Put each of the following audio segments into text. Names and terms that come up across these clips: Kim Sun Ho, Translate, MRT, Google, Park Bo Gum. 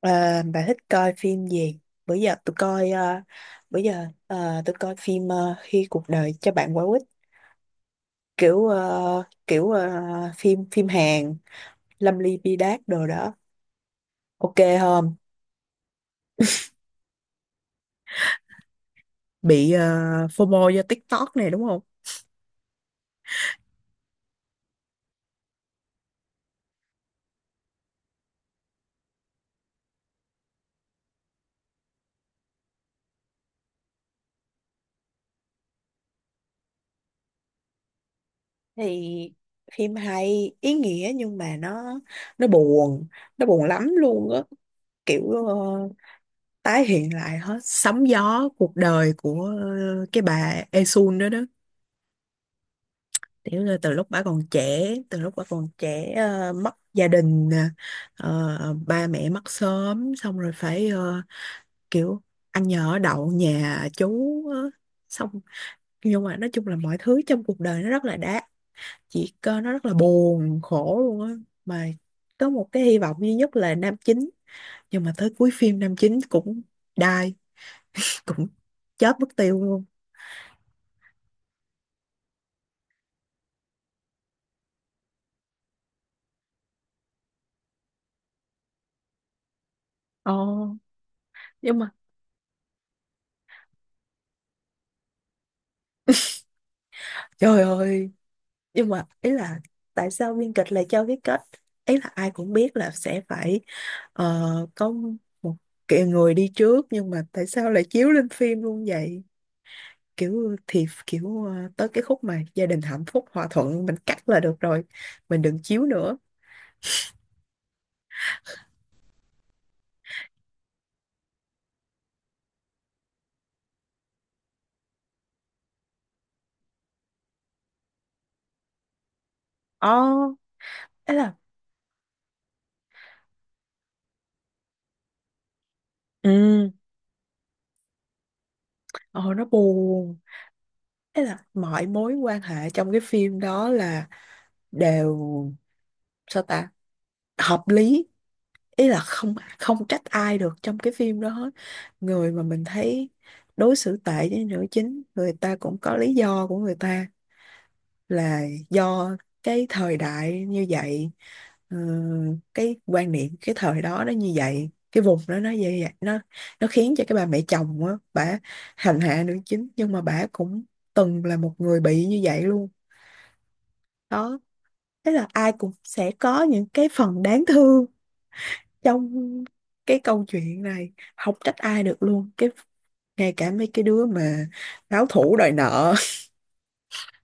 Ờ, bà thích coi phim gì? Bữa giờ tôi coi bữa giờ tôi coi phim Khi cuộc đời cho bạn quả quýt, kiểu ờ, kiểu ờ, phim phim Hàn, Lâm Ly Bi Đát đồ đó. Ok không? Bị FOMO do TikTok này đúng không? Thì phim hay, ý nghĩa nhưng mà nó, nó buồn, nó buồn lắm luôn á. Kiểu, tái hiện lại hết. Sóng gió cuộc đời của cái bà Esun đó đó. Tiểu là từ lúc bà còn trẻ, từ lúc bà còn trẻ, mất gia đình, nè, ba mẹ mất sớm, xong rồi phải, kiểu ăn nhờ ở đậu nhà chú, ờ, xong, nhưng mà nói chung là mọi thứ trong cuộc đời nó rất là đã, chỉ có nó rất là buồn khổ luôn á, mà có một cái hy vọng duy nhất là nam chính, nhưng mà tới cuối phim nam chính cũng die, cũng chết mất tiêu luôn. Ồ, nhưng mà trời ơi, nhưng mà ý là tại sao biên kịch lại cho cái kết, ý là ai cũng biết là sẽ phải, có một kiểu người đi trước, nhưng mà tại sao lại chiếu lên phim luôn vậy? Kiểu thì kiểu, tới cái khúc mà gia đình hạnh phúc hòa thuận mình cắt là được rồi, mình đừng chiếu nữa. Ồ, ấy là ừ, ồ nó buồn. Ấy là mọi mối quan hệ trong cái phim đó là đều, sao ta, hợp lý. Ý là không, không trách ai được trong cái phim đó hết. Người mà mình thấy đối xử tệ với nữ chính, người ta cũng có lý do của người ta, là do cái thời đại như vậy. ờ, cái quan niệm cái thời đó nó như vậy, cái vùng đó nó như vậy, nó khiến cho cái bà mẹ chồng á, bà hành hạ nữ chính nhưng mà bà cũng từng là một người bị như vậy luôn đó. Thế là ai cũng sẽ có những cái phần đáng thương trong cái câu chuyện này, không trách ai được luôn, cái ngay cả mấy cái đứa mà báo thủ đòi nợ.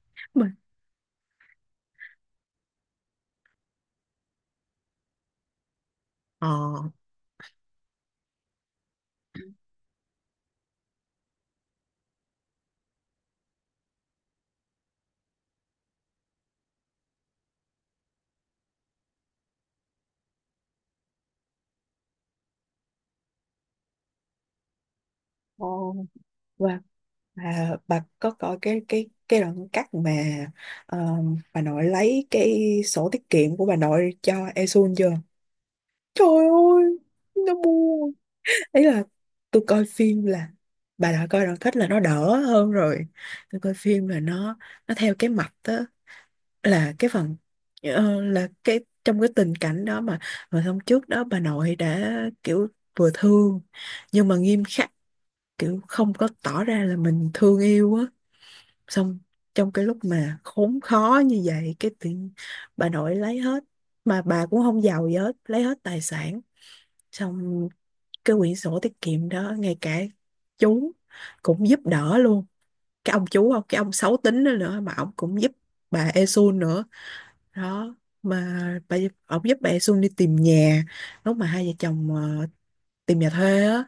Mà ờ, Ồ, và bà có coi cái cái đoạn cắt mà ờ, bà nội lấy cái sổ tiết kiệm của bà nội cho Esun chưa? Trời ơi, nó buồn. Ý là tôi coi phim là, bà đã coi đoạn kết là nó đỡ hơn rồi. Tôi coi phim là nó theo cái mạch đó, là cái phần là cái trong cái tình cảnh đó mà hôm trước đó bà nội đã kiểu vừa thương nhưng mà nghiêm khắc, kiểu không có tỏ ra là mình thương yêu á, xong trong cái lúc mà khốn khó như vậy cái tự nhiên bà nội lấy hết, mà bà cũng không giàu gì hết, lấy hết tài sản, xong cái quyển sổ tiết kiệm đó, ngay cả chú cũng giúp đỡ luôn, cái ông chú không, cái ông xấu tính đó nữa mà ông cũng giúp bà Esun nữa đó. Mà bà, ổng giúp bà Xuân đi tìm nhà, lúc mà hai vợ chồng tìm nhà thuê á.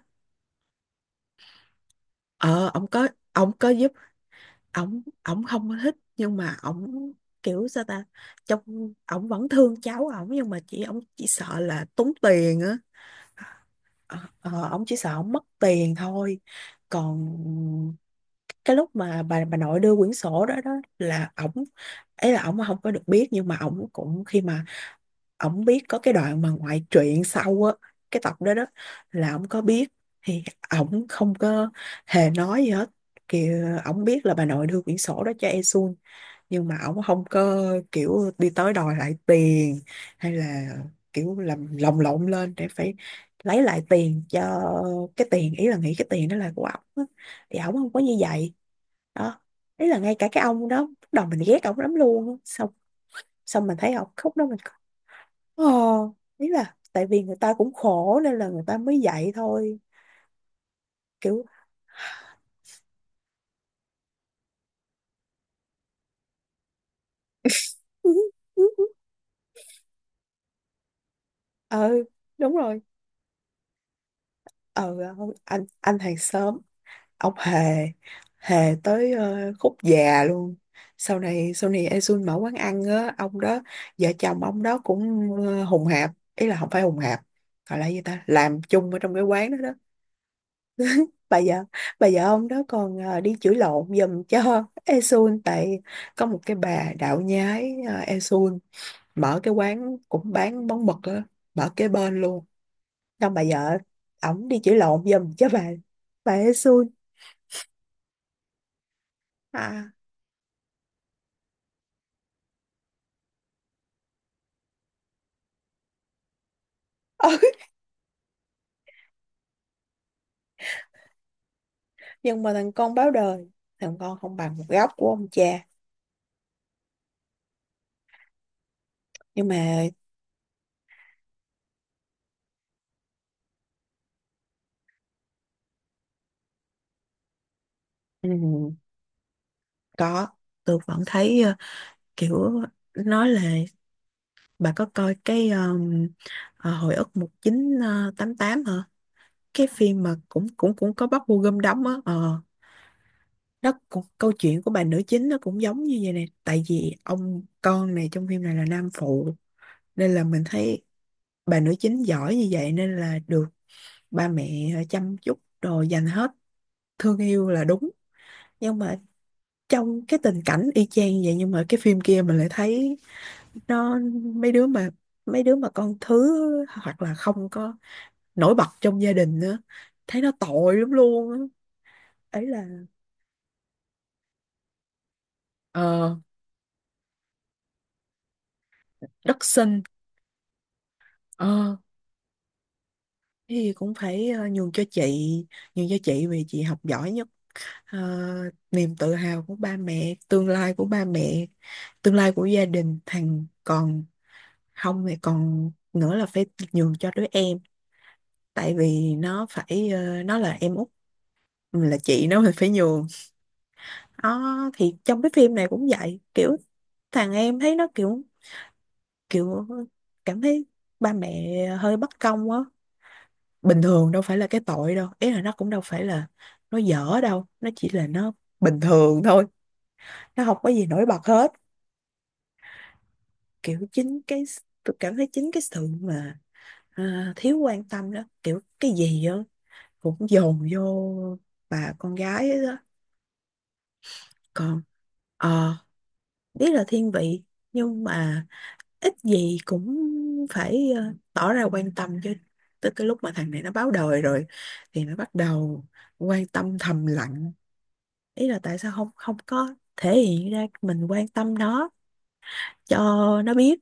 Ờ ổng có, ổng có giúp. Ổng ổng không có thích nhưng mà ổng kiểu sao ta, trong ổng vẫn thương cháu ổng nhưng mà chỉ ổng chỉ sợ là tốn tiền á. Ờ, ờ, ổng chỉ sợ ổng mất tiền thôi, còn cái lúc mà bà nội đưa quyển sổ đó đó, là ổng, ấy là ổng không có được biết nhưng mà ổng cũng khi mà ổng biết, có cái đoạn mà ngoại truyện sau á, cái tập đó đó là ổng có biết, thì ổng không có hề nói gì hết, kiểu ổng biết là bà nội đưa quyển sổ đó cho Esun nhưng mà ổng không có kiểu đi tới đòi lại tiền, hay là kiểu làm lồng lộn lên để phải lấy lại tiền, cho cái tiền, ý là nghĩ cái tiền đó là của ổng á. Thì ổng không có như vậy đó. Ý là ngay cả cái ông đó lúc đầu mình ghét ổng lắm luôn á. Xong xong mình thấy ổng khúc đó mình, Ờ, ý là tại vì người ta cũng khổ nên là người ta mới dạy thôi kiểu. Ờ đúng rồi. Ờ không, anh hàng xóm, ông Hề, Hề tới khúc già luôn. Sau này sau này Esun mở quán ăn á, ông đó, vợ chồng ông đó cũng hùng hạp, ý là không phải hùng hạp, gọi là gì ta, làm chung ở trong cái quán đó đó. Bà vợ, bà vợ ông đó còn đi chửi lộn giùm cho Esun tại có một cái bà đạo nhái, uh, mở cái quán cũng bán món mực á, mở kế bên luôn. Xong bà vợ ổng đi chữa lộn giùm cho bà ấy xui à. Nhưng mà thằng con báo đời, thằng con không bằng một góc của ông cha. Nhưng mà ừ, có, tôi vẫn thấy kiểu, nói là bà có coi cái hồi ức một chín tám tám hả, cái phim mà cũng cũng cũng có Park Bo Gum đóng á. Ờ, nó cũng câu chuyện của bà nữ chính nó cũng giống như vậy nè, tại vì ông con này trong phim này là nam phụ nên là mình thấy bà nữ chính giỏi như vậy nên là được ba mẹ chăm chút đồ dành hết, thương yêu là đúng. Nhưng mà trong cái tình cảnh y chang như vậy nhưng mà cái phim kia mình lại thấy nó, mấy đứa mà, mấy đứa mà con thứ hoặc là không có nổi bật trong gia đình nữa, thấy nó tội lắm luôn á. Ấy là ờ, đất sinh. Ờ thì cũng phải nhường cho chị, nhường cho chị vì chị học giỏi nhất. Ờ, niềm tự hào của ba mẹ, tương lai của ba mẹ, tương lai của gia đình, thằng còn, không thì còn nữa là phải nhường cho đứa em, tại vì nó phải nó là em út, mình là chị nó, mình phải nhường. Đó thì trong cái phim này cũng vậy, kiểu thằng em thấy nó kiểu, kiểu cảm thấy ba mẹ hơi bất công á. Bình thường đâu phải là cái tội đâu, ý là nó cũng đâu phải là nó dở đâu, nó chỉ là nó bình thường thôi, nó không có gì nổi bật hết. Kiểu chính cái tôi cảm thấy chính cái sự mà, à, thiếu quan tâm đó, kiểu cái gì đó cũng dồn vô bà con gái ấy đó. Còn ờ, biết là thiên vị nhưng mà ít gì cũng phải tỏ ra quan tâm chứ. Tới cái lúc mà thằng này nó báo đời rồi thì nó bắt đầu quan tâm thầm lặng. Ý là tại sao không, không có thể hiện ra mình quan tâm nó cho nó biết.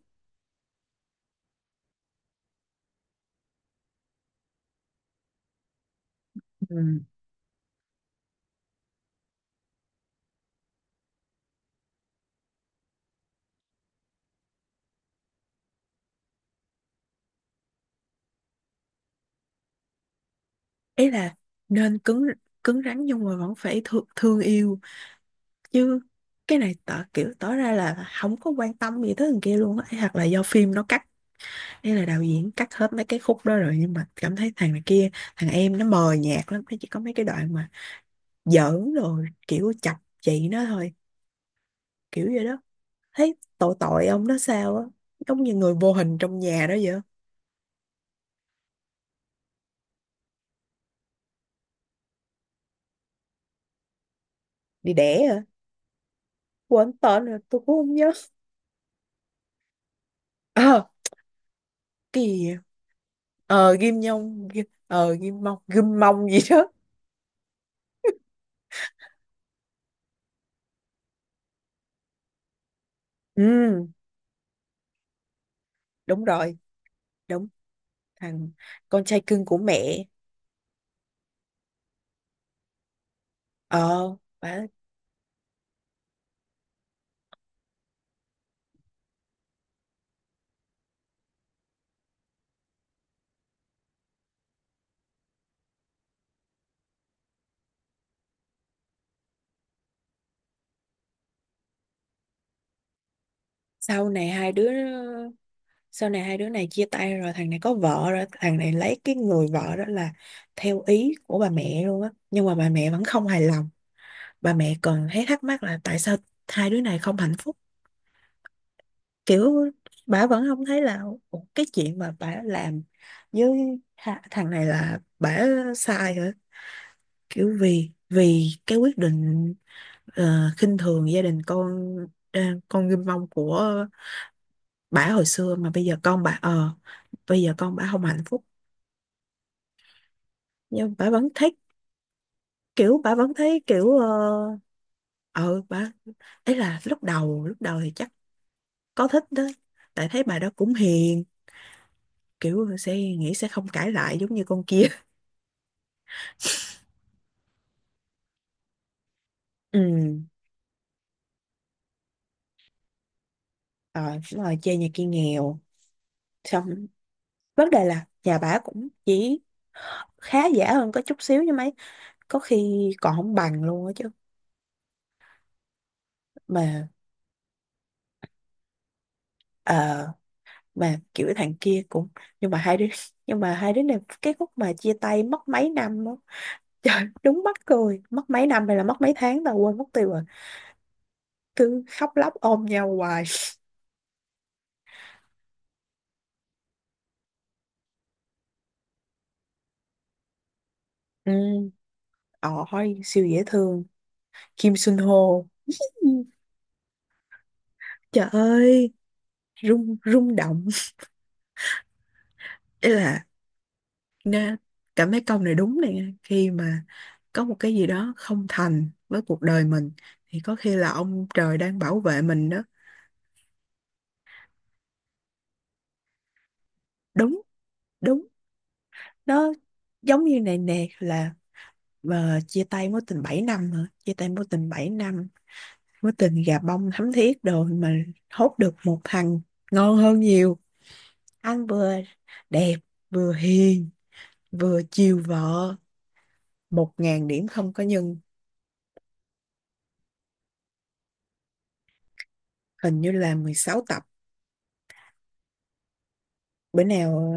Ừ. Ý là nên cứng, cứng rắn nhưng mà vẫn phải thương, thương yêu chứ. Cái này tỏ kiểu tỏ ra là không có quan tâm gì tới thằng kia luôn á, hoặc là do phim nó cắt hay là đạo diễn cắt hết mấy cái khúc đó rồi, nhưng mà cảm thấy thằng này kia, thằng em nó mờ nhạt lắm, nó chỉ có mấy cái đoạn mà giỡn rồi kiểu chọc chị nó thôi, kiểu vậy đó. Thấy tội tội ông nó sao á, giống như người vô hình trong nhà đó vậy. Đi đẻ à, quên tên rồi tôi cũng không nhớ. À, cái gì vậy? Ờ ghim Nhông, Kim-, ờ ghim Mông, ghim Mông gì đó. Ừ đúng rồi, đúng, thằng con trai cưng của mẹ. Ờ bả, sau này hai đứa, sau này hai đứa này chia tay rồi, thằng này có vợ rồi, thằng này lấy cái người vợ đó là theo ý của bà mẹ luôn á, nhưng mà bà mẹ vẫn không hài lòng. Bà mẹ còn thấy thắc mắc là tại sao hai đứa này không hạnh phúc, kiểu bà vẫn không thấy là "Ủa, cái chuyện mà bà làm với thằng này là bà sai hả?" Kiểu vì vì cái quyết định khinh thường gia đình con, ờ, con ghim mông của bà hồi xưa, mà bây giờ con bà ờ, bây giờ con bà không hạnh phúc nhưng bà vẫn thấy kiểu, bà vẫn thấy kiểu ờ, ờ bà, ấy là lúc đầu, lúc đầu thì chắc có thích đó, tại thấy bà đó cũng hiền, kiểu sẽ nghĩ sẽ không cãi lại giống như con kia. Ừ, rồi đúng rồi, chơi nhà kia nghèo, xong vấn đề là nhà bà cũng chỉ khá giả hơn có chút xíu như mấy, có khi còn không bằng luôn á chứ. Mà ờ, mà kiểu thằng kia cũng, nhưng mà hai đứa nhưng mà hai đứa này cái khúc mà chia tay mất mấy năm đó. Trời đúng mắc cười, mất mấy năm hay là mất mấy tháng tao quên mất tiêu rồi, cứ khóc lóc ôm nhau hoài. Ừ, ôi siêu dễ thương, Kim Sun Ho. Ừ, trời ơi, rung, rung động. Ý là nghe cảm thấy câu này đúng này nha. Khi mà có một cái gì đó không thành với cuộc đời mình thì có khi là ông trời đang bảo vệ mình đó. Đúng, đúng. Nó giống như này nè, là mà chia tay mối tình 7 năm hả, chia tay mối tình 7 năm, mối tình gà bông thắm thiết đồ mà hốt được một thằng ngon hơn nhiều, anh vừa đẹp, vừa hiền, vừa chiều vợ, 1000 điểm không có nhân. Hình như là 16 tập. Bữa nào,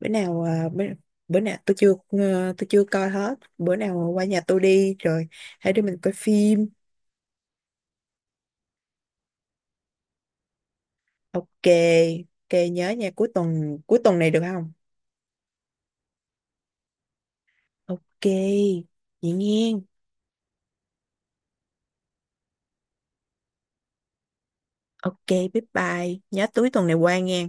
bữa nào à, bữa, bữa nào tôi chưa tôi chưa coi hết, bữa nào qua nhà tôi đi rồi hai đứa mình coi phim. Ok, ok, nhớ nha, cuối tuần, cuối tuần này được không? Ok, vậy nghe. Ok, bye bye, nhớ túi tuần này qua nghe.